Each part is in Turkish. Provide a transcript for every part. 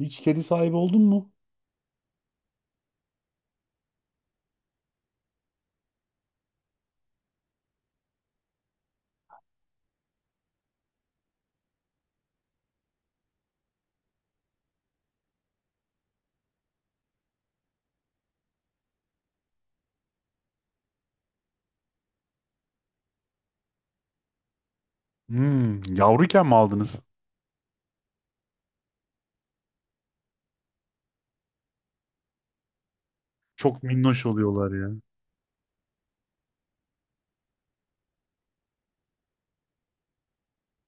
Hiç kedi sahibi oldun mu? Hmm, yavruyken mi aldınız? Çok minnoş oluyorlar ya.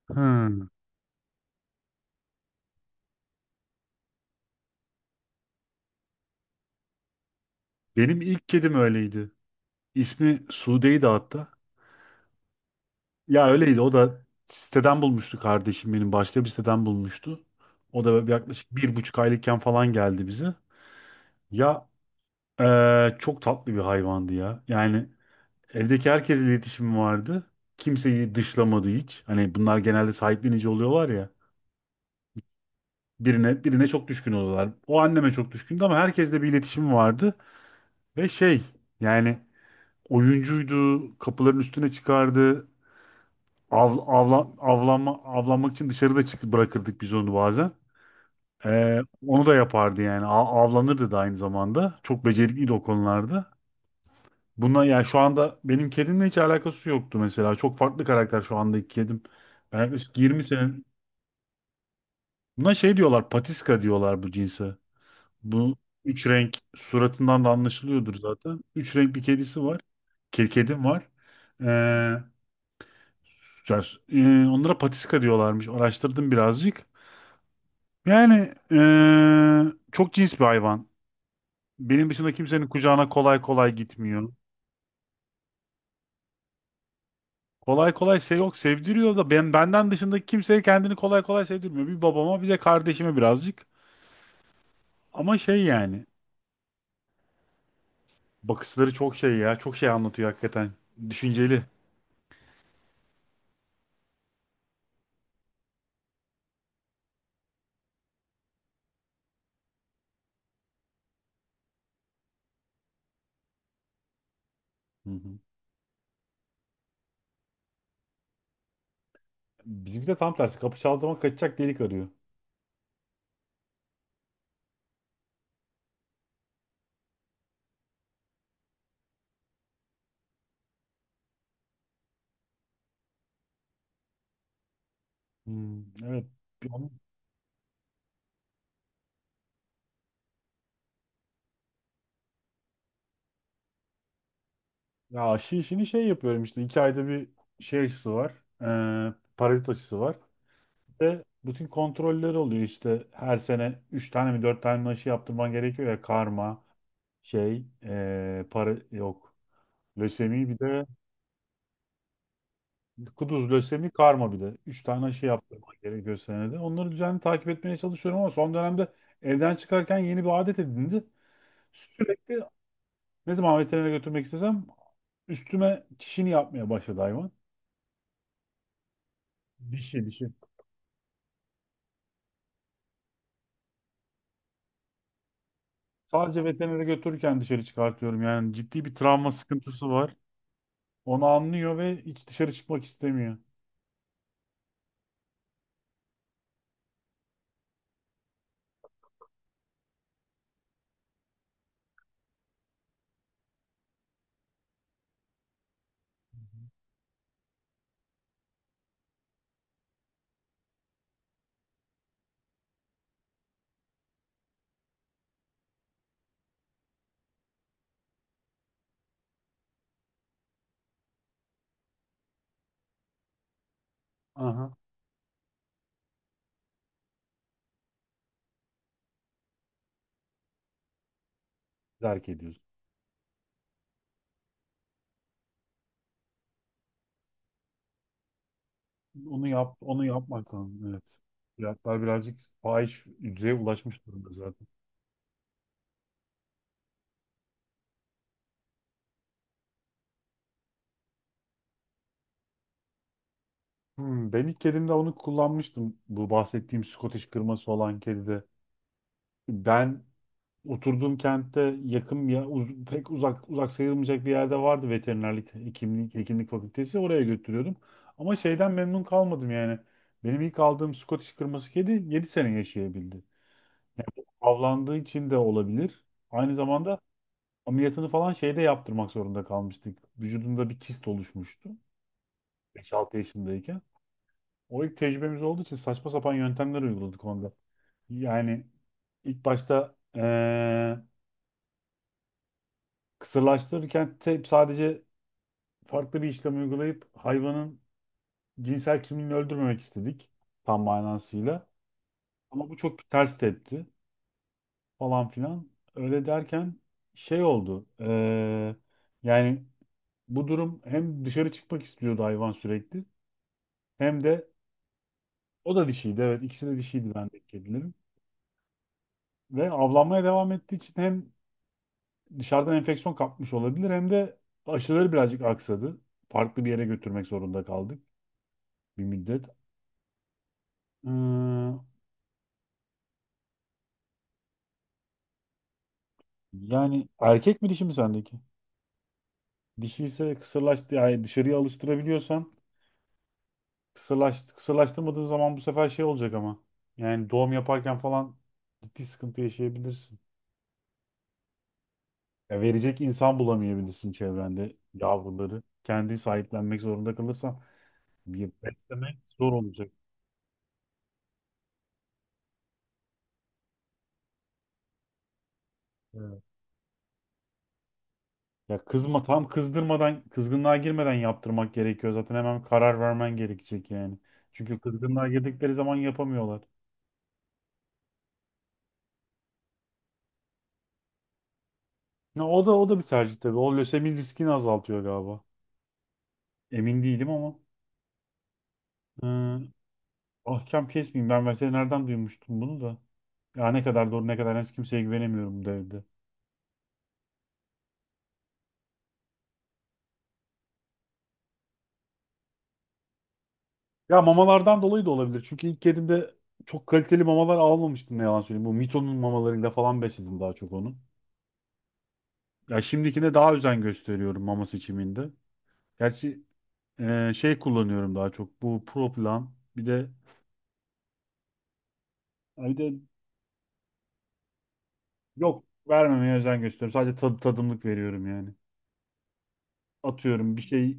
Hmm. Benim ilk kedim öyleydi. İsmi Sude'ydi hatta. Ya öyleydi. O da siteden bulmuştu kardeşim benim. Başka bir siteden bulmuştu. O da yaklaşık bir buçuk aylıkken falan geldi bize. Ya çok tatlı bir hayvandı ya. Yani evdeki herkesle iletişim vardı. Kimseyi dışlamadı hiç. Hani bunlar genelde sahiplenici oluyorlar ya. Birine çok düşkün oldular. O anneme çok düşkündü ama herkesle bir iletişim vardı ve şey yani oyuncuydu, kapıların üstüne çıkardı. Av, avla, avlanma, avlanmak için dışarıda çık bırakırdık biz onu bazen. Ee, onu da yapardı yani. Avlanırdı da aynı zamanda. Çok becerikliydi o konularda. Bunlar yani şu anda benim kedimle hiç alakası yoktu mesela. Çok farklı karakter şu andaki kedim. Ben yaklaşık 20 sene. Buna şey diyorlar, patiska diyorlar bu cinse. Bu üç renk suratından da anlaşılıyordur zaten. Üç renk bir kedisi var. Kedim var. Ee, ya, onlara patiska diyorlarmış. Araştırdım birazcık. Yani çok cins bir hayvan. Benim dışında kimsenin kucağına kolay kolay gitmiyor. Kolay kolay şey yok sevdiriyor da benden dışındaki kimseye kendini kolay kolay sevdirmiyor. Bir babama bir de kardeşime birazcık. Ama şey yani bakışları çok şey ya çok şey anlatıyor hakikaten. Düşünceli. Hı hı. Bizimki de tam tersi. Kapı çaldığı zaman kaçacak delik arıyor. Hmm. Evet. Bir onun- Ya aşı işini şey yapıyorum işte. İki ayda bir şey aşısı var. Parazit aşısı var. Ve bütün kontrolleri oluyor işte. Her sene üç tane mi dört tane mi aşı yaptırman gerekiyor ya. Karma, para yok. Lösemi bir de kuduz lösemi karma bir de. Üç tane aşı yaptırman gerekiyor senede. Onları düzenli takip etmeye çalışıyorum ama son dönemde evden çıkarken yeni bir adet edindi. Sürekli ne zaman veterinere götürmek istesem üstüme çişini yapmaya başladı hayvan. Dişi dişi. Sadece veterinere götürürken dışarı çıkartıyorum. Yani ciddi bir travma sıkıntısı var. Onu anlıyor ve hiç dışarı çıkmak istemiyor. Aha. Terk ediyoruz. Onu yap, onu yapmak lazım. Evet. Fiyatlar birazcık fahiş düzeye ulaşmış durumda zaten. Hmm, ben ilk kedimde onu kullanmıştım. Bu bahsettiğim Scottish kırması olan kedide. Ben oturduğum kentte yakın ya pek uzak sayılmayacak bir yerde vardı veterinerlik hekimlik fakültesi oraya götürüyordum. Ama şeyden memnun kalmadım yani. Benim ilk aldığım Scottish kırması kedi 7 sene yaşayabildi. Avlandığı için de olabilir. Aynı zamanda ameliyatını falan şeyde yaptırmak zorunda kalmıştık. Vücudunda bir kist oluşmuştu 5-6 yaşındayken. O ilk tecrübemiz olduğu için saçma sapan yöntemler uyguladık onda. Yani ilk başta kısırlaştırırken hep sadece farklı bir işlem uygulayıp hayvanın cinsel kimliğini öldürmemek istedik tam manasıyla. Ama bu çok ters tepti falan filan. Öyle derken şey oldu. Yani bu durum hem dışarı çıkmak istiyordu hayvan sürekli hem de o da dişiydi. Evet ikisi de dişiydi bendeki kedilerim. Ve avlanmaya devam ettiği için hem dışarıdan enfeksiyon kapmış olabilir hem de aşıları birazcık aksadı. Farklı bir yere götürmek zorunda kaldık bir müddet. Ee, yani erkek mi dişi mi sendeki? Dişi ise kısırlaştı yani dışarıya alıştırabiliyorsan kısırlaştı kısırlaştırmadığın zaman bu sefer şey olacak ama. Yani doğum yaparken falan ciddi sıkıntı yaşayabilirsin. Ya verecek insan bulamayabilirsin çevrende yavruları. Kendi sahiplenmek zorunda kalırsan bir beslemek zor olacak. Evet. Ya tam kızdırmadan kızgınlığa girmeden yaptırmak gerekiyor. Zaten hemen karar vermen gerekecek yani. Çünkü kızgınlığa girdikleri zaman yapamıyorlar. Ya o da bir tercih tabii. O lösemi riskini azaltıyor galiba. Emin değilim ama. Ee, ahkam kesmeyeyim. Ben veterinerden duymuştum bunu da. Ya ne kadar doğru ne kadar yanlış kimseye güvenemiyorum bu devirde. Ya mamalardan dolayı da olabilir. Çünkü ilk kedimde çok kaliteli mamalar almamıştım ne yalan söyleyeyim. Bu Mito'nun mamalarıyla falan besledim daha çok onu. Ya şimdikine daha özen gösteriyorum mama seçiminde. Gerçi şey kullanıyorum daha çok. Bu Proplan. Bir de bir de yok vermemeye özen gösteriyorum. Sadece tadımlık veriyorum yani. Atıyorum bir şey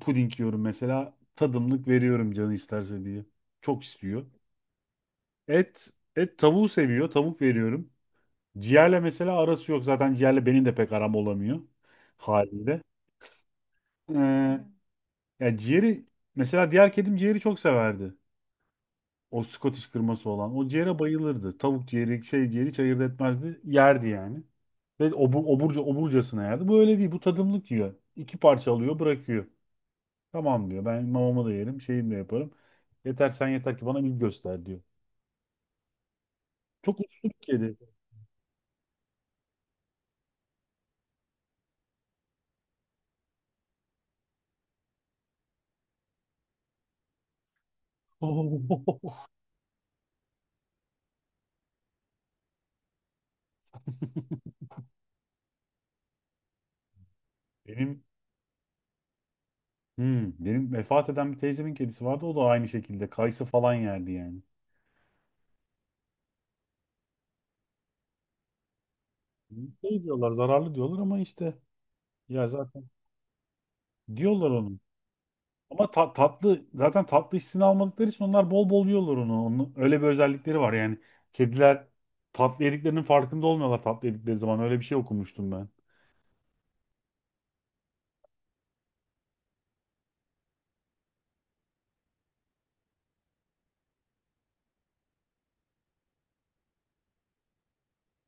puding yiyorum mesela tadımlık veriyorum canı isterse diye. Çok istiyor. Et tavuğu seviyor. Tavuk veriyorum. Ciğerle mesela arası yok. Zaten ciğerle benim de pek aram olamıyor haliyle. Ee, ciğeri mesela diğer kedim ciğeri çok severdi. O Scottish kırması olan. O ciğere bayılırdı. Tavuk ciğeri, şey ciğeri hiç ayırt etmezdi. Yerdi yani. Ve oburcasına yerdi. Bu öyle değil. Bu tadımlık yiyor. İki parça alıyor, bırakıyor. Tamam diyor. Ben mamamı da yerim. Şeyimi de yaparım. Yeter sen yeter ki bana ilgi göster diyor. Çok uslu bir kedi. Benim benim vefat eden bir teyzemin kedisi vardı. O da aynı şekilde kayısı falan yerdi yani. Şey diyorlar zararlı diyorlar ama işte ya zaten diyorlar onu. Ama tatlı zaten tatlı hissini almadıkları için onlar bol bol yiyorlar onu. Onun öyle bir özellikleri var yani. Kediler tatlı yediklerinin farkında olmuyorlar tatlı yedikleri zaman. Öyle bir şey okumuştum ben.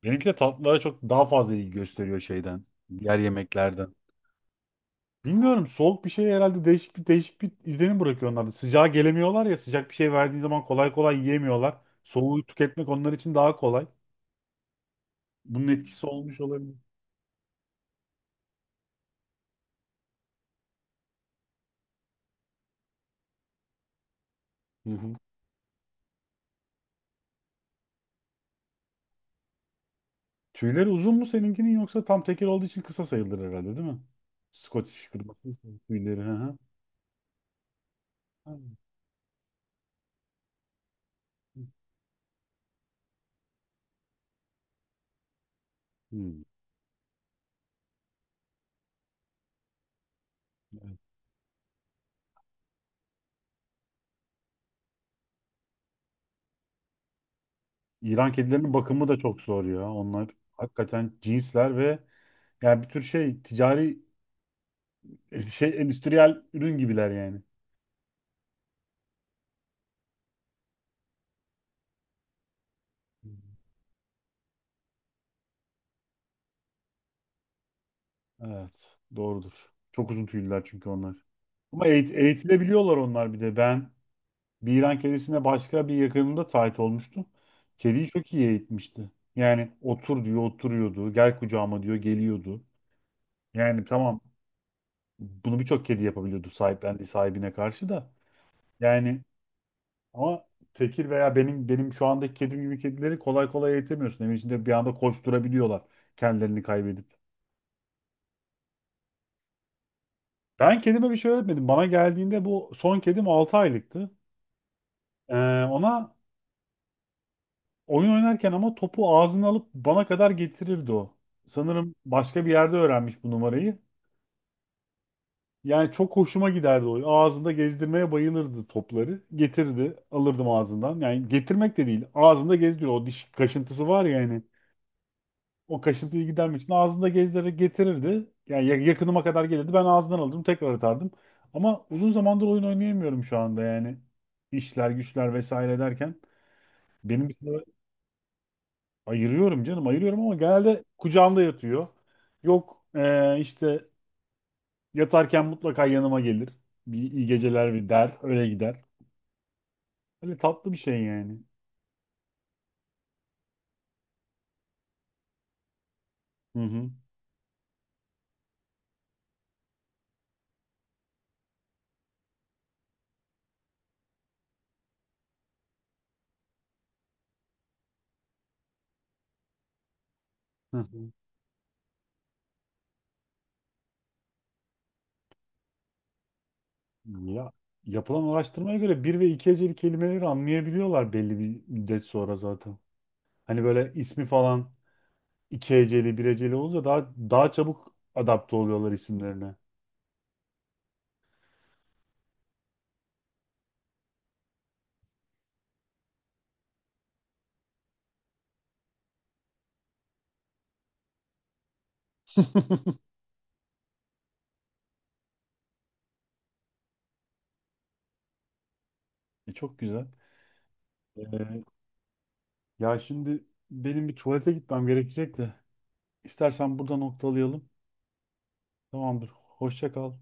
Benimki de tatlılara çok daha fazla ilgi gösteriyor şeyden. Diğer yemeklerden. Bilmiyorum soğuk bir şey herhalde değişik bir izlenim bırakıyor onlarda. Sıcağa gelemiyorlar ya sıcak bir şey verdiğin zaman kolay kolay yiyemiyorlar. Soğuğu tüketmek onlar için daha kolay. Bunun etkisi olmuş olabilir. Hı hı. Tüyleri uzun mu seninkinin yoksa tam tekir olduğu için kısa sayılır herhalde değil mi? Scottish kırması tüyleri. Hı hı. Hmm. İran kedilerinin bakımı da çok zor ya. Onlar hakikaten cinsler ve yani bir tür şey ticari şey endüstriyel ürün gibiler yani. Hmm. Evet, doğrudur. Çok uzun tüylüler çünkü onlar. Ama eğitilebiliyorlar onlar bir de. Ben bir İran kedisine başka bir yakınımda tahit olmuştum. Kediyi çok iyi eğitmişti. Yani otur diyor, oturuyordu. Gel kucağıma diyor, geliyordu. Yani tamam bunu birçok kedi yapabiliyordur sahiplendiği sahibine karşı da. Yani ama tekir veya benim şu andaki kedim gibi kedileri kolay kolay eğitemiyorsun. Evin içinde bir anda koşturabiliyorlar kendilerini kaybedip. Ben kedime bir şey öğretmedim. Bana geldiğinde bu son kedim 6 aylıktı. Ee, ona oyun oynarken ama topu ağzına alıp bana kadar getirirdi o. Sanırım başka bir yerde öğrenmiş bu numarayı. Yani çok hoşuma giderdi o. Ağzında gezdirmeye bayılırdı topları. Getirdi, alırdım ağzından. Yani getirmek de değil, ağzında gezdiriyor. O diş kaşıntısı var ya yani. O kaşıntıyı gidermek için ağzında gezdirerek getirirdi. Yani yakınıma kadar gelirdi. Ben ağzından alırdım, tekrar atardım. Ama uzun zamandır oyun oynayamıyorum şu anda yani. İşler, güçler vesaire derken benim bir süre ayırıyorum canım, ayırıyorum ama genelde kucağımda yatıyor. Yok işte yatarken mutlaka yanıma gelir. Bir iyi geceler bir der, öyle gider. Öyle tatlı bir şey yani. Hı hı. Hı hı. Ya yapılan araştırmaya göre bir ve iki heceli kelimeleri anlayabiliyorlar belli bir müddet sonra zaten. Hani böyle ismi falan iki heceli, bir heceli olunca daha çabuk adapte oluyorlar isimlerine. Çok güzel. Ee, ya şimdi benim bir tuvalete gitmem gerekecek de. İstersen burada noktalayalım. Tamamdır. Hoşça kal.